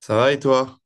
Ça va et toi?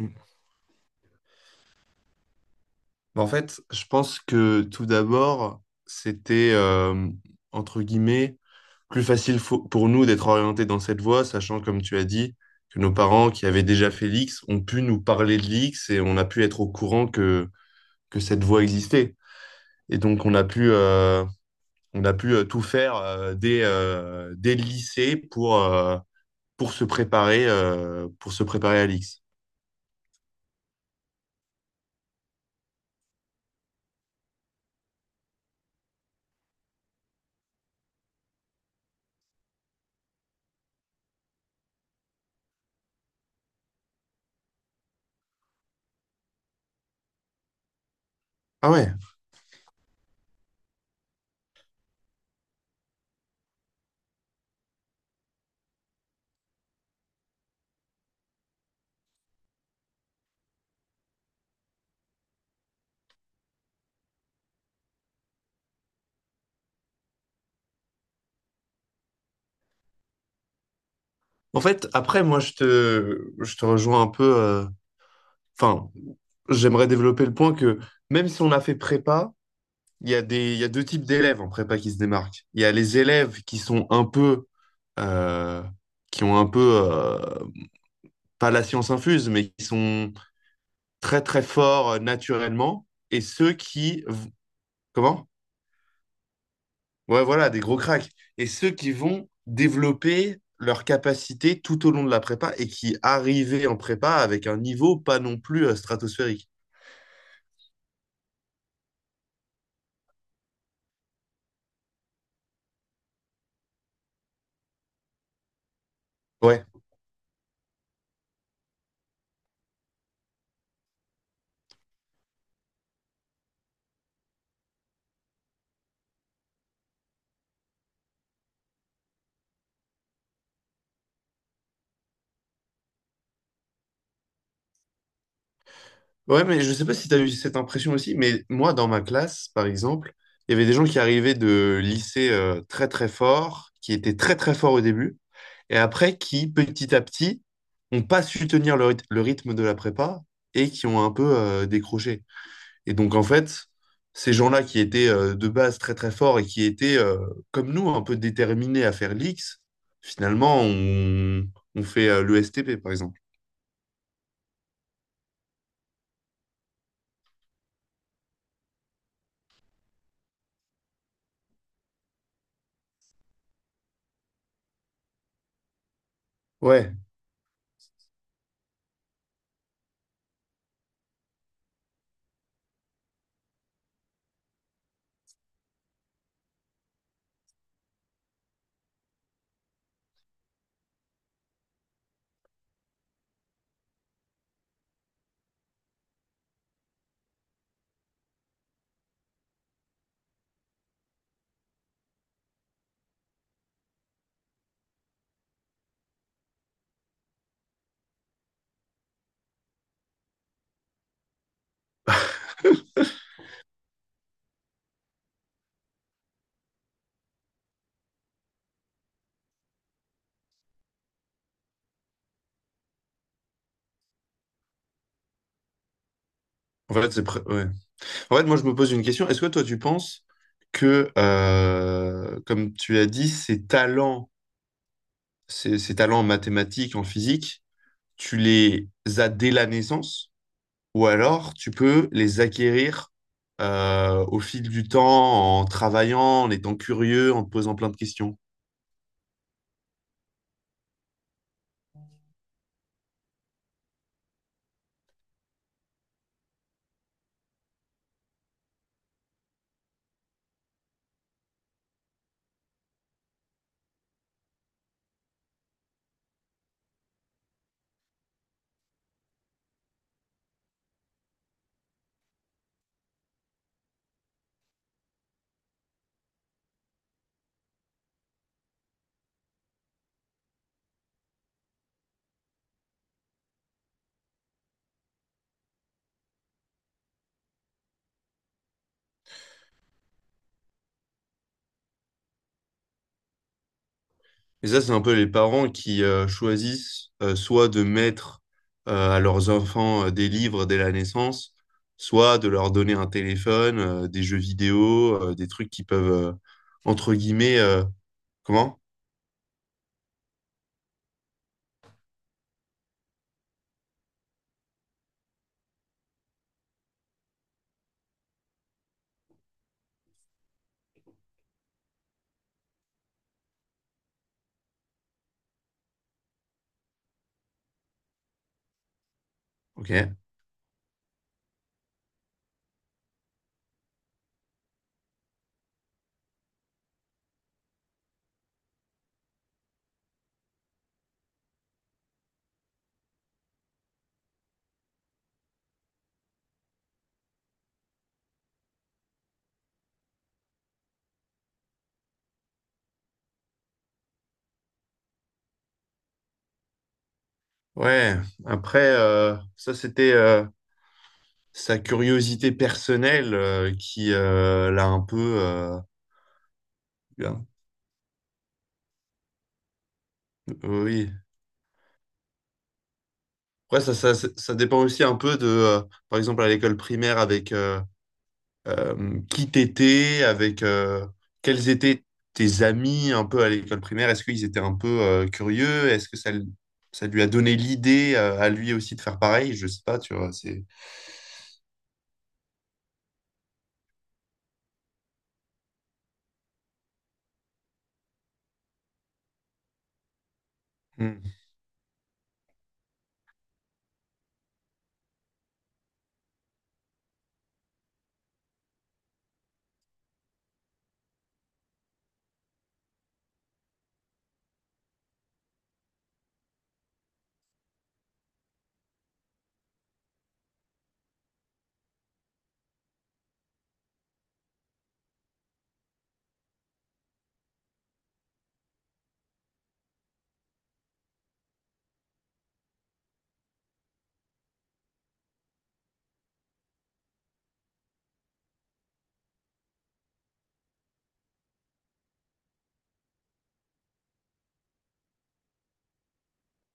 Mm. En fait, je pense que tout d'abord, c'était entre guillemets plus facile pour nous d'être orientés dans cette voie, sachant, comme tu as dit, que nos parents qui avaient déjà fait l'X ont pu nous parler de l'X et on a pu être au courant que cette voie existait. Et donc, on a on a pu tout faire dès le lycée pour se pour se préparer à l'X. Ah. En fait, après, moi, je te rejoins un peu. Enfin, j'aimerais développer le point que même si on a fait prépa, il y il y a deux types d'élèves en prépa qui se démarquent. Il y a les élèves qui sont un euh, qui ont un pas la science infuse, mais qui sont très, très forts naturellement. Et ceux qui, comment? Ouais, voilà, des gros cracks. Et ceux qui vont développer leur capacité tout au long de la prépa et qui arrivaient en prépa avec un niveau pas non plus stratosphérique. Ouais. Ouais, mais je sais pas si tu as eu cette impression aussi, mais moi, dans ma classe, par exemple, il y avait des gens qui arrivaient de lycée très très forts, qui étaient très très forts au début, et après qui, petit à petit, n'ont pas su tenir le rythme de la prépa et qui ont un peu décroché. Et donc, en fait, ces gens-là qui étaient de base très très forts et qui comme nous, un peu déterminés à faire l'X, finalement, on fait le STP, par exemple. Ouais. En fait, ouais. En fait, moi, je me pose une question. Est-ce que toi, tu penses que, comme tu l'as dit, ces ces talents en mathématiques, en physique, tu les as dès la naissance? Ou alors, tu peux les acquérir au fil du temps, en travaillant, en étant curieux, en te posant plein de questions. Et ça, c'est un peu les parents qui choisissent soit de mettre à leurs enfants des livres dès la naissance, soit de leur donner un téléphone, des jeux vidéo, des trucs qui entre guillemets, comment? Ok. Ouais. Après, ça, c'était sa curiosité personnelle qui l'a un peu. Bien. Oui. Après, ça dépend aussi un peu par exemple, à l'école primaire, avec qui t'étais, avec quels étaient tes amis un peu à l'école primaire. Est-ce qu'ils étaient un peu curieux? Est-ce que ça lui a donné l'idée à lui aussi de faire pareil? Je sais pas, tu vois, c'est... Hmm.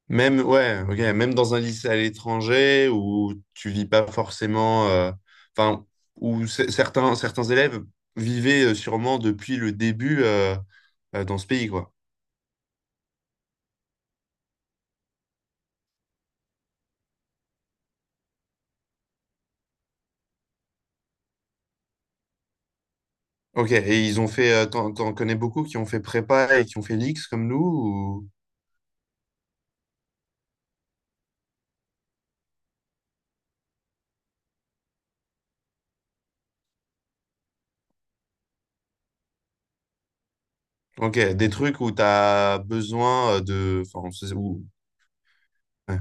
Même, ouais, ok, même dans un lycée à l'étranger où tu vis pas forcément, enfin, certains élèves vivaient sûrement depuis le début dans ce pays, quoi. Ok, et ils ont fait, t'en connais beaucoup qui ont fait prépa et qui ont fait l'X comme nous ou... Ok, des trucs où t'as besoin enfin, ouais.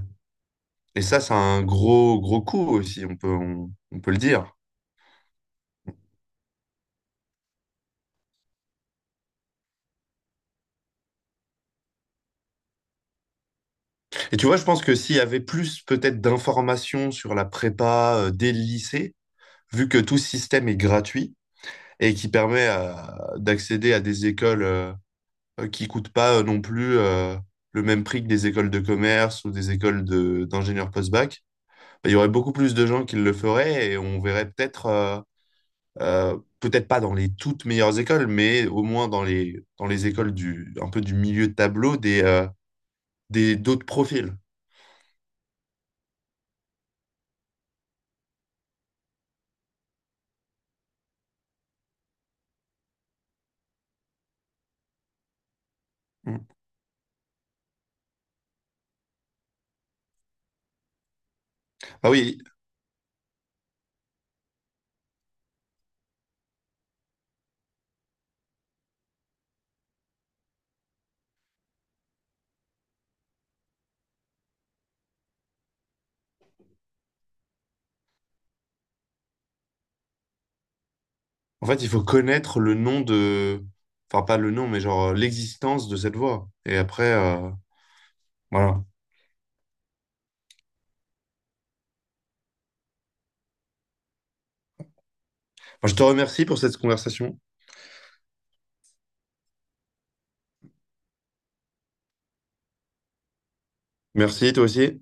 Et ça, c'est un gros, gros coup aussi, on peut le dire. Et tu vois, je pense que s'il y avait plus peut-être d'informations sur la prépa dès le lycée, vu que tout ce système est gratuit et qui permet d'accéder à des écoles qui coûtent pas non plus le même prix que des écoles de commerce ou des écoles d'ingénieurs post-bac, bah, il y aurait beaucoup plus de gens qui le feraient et on verrait peut-être pas dans les toutes meilleures écoles, mais au moins dans les écoles un peu du milieu de tableau d'autres profils. Mm. Ah oui. En fait, il faut connaître le nom de... Enfin, pas le nom, mais genre l'existence de cette voix. Et après, voilà. Moi, je te remercie pour cette conversation. Merci, toi aussi.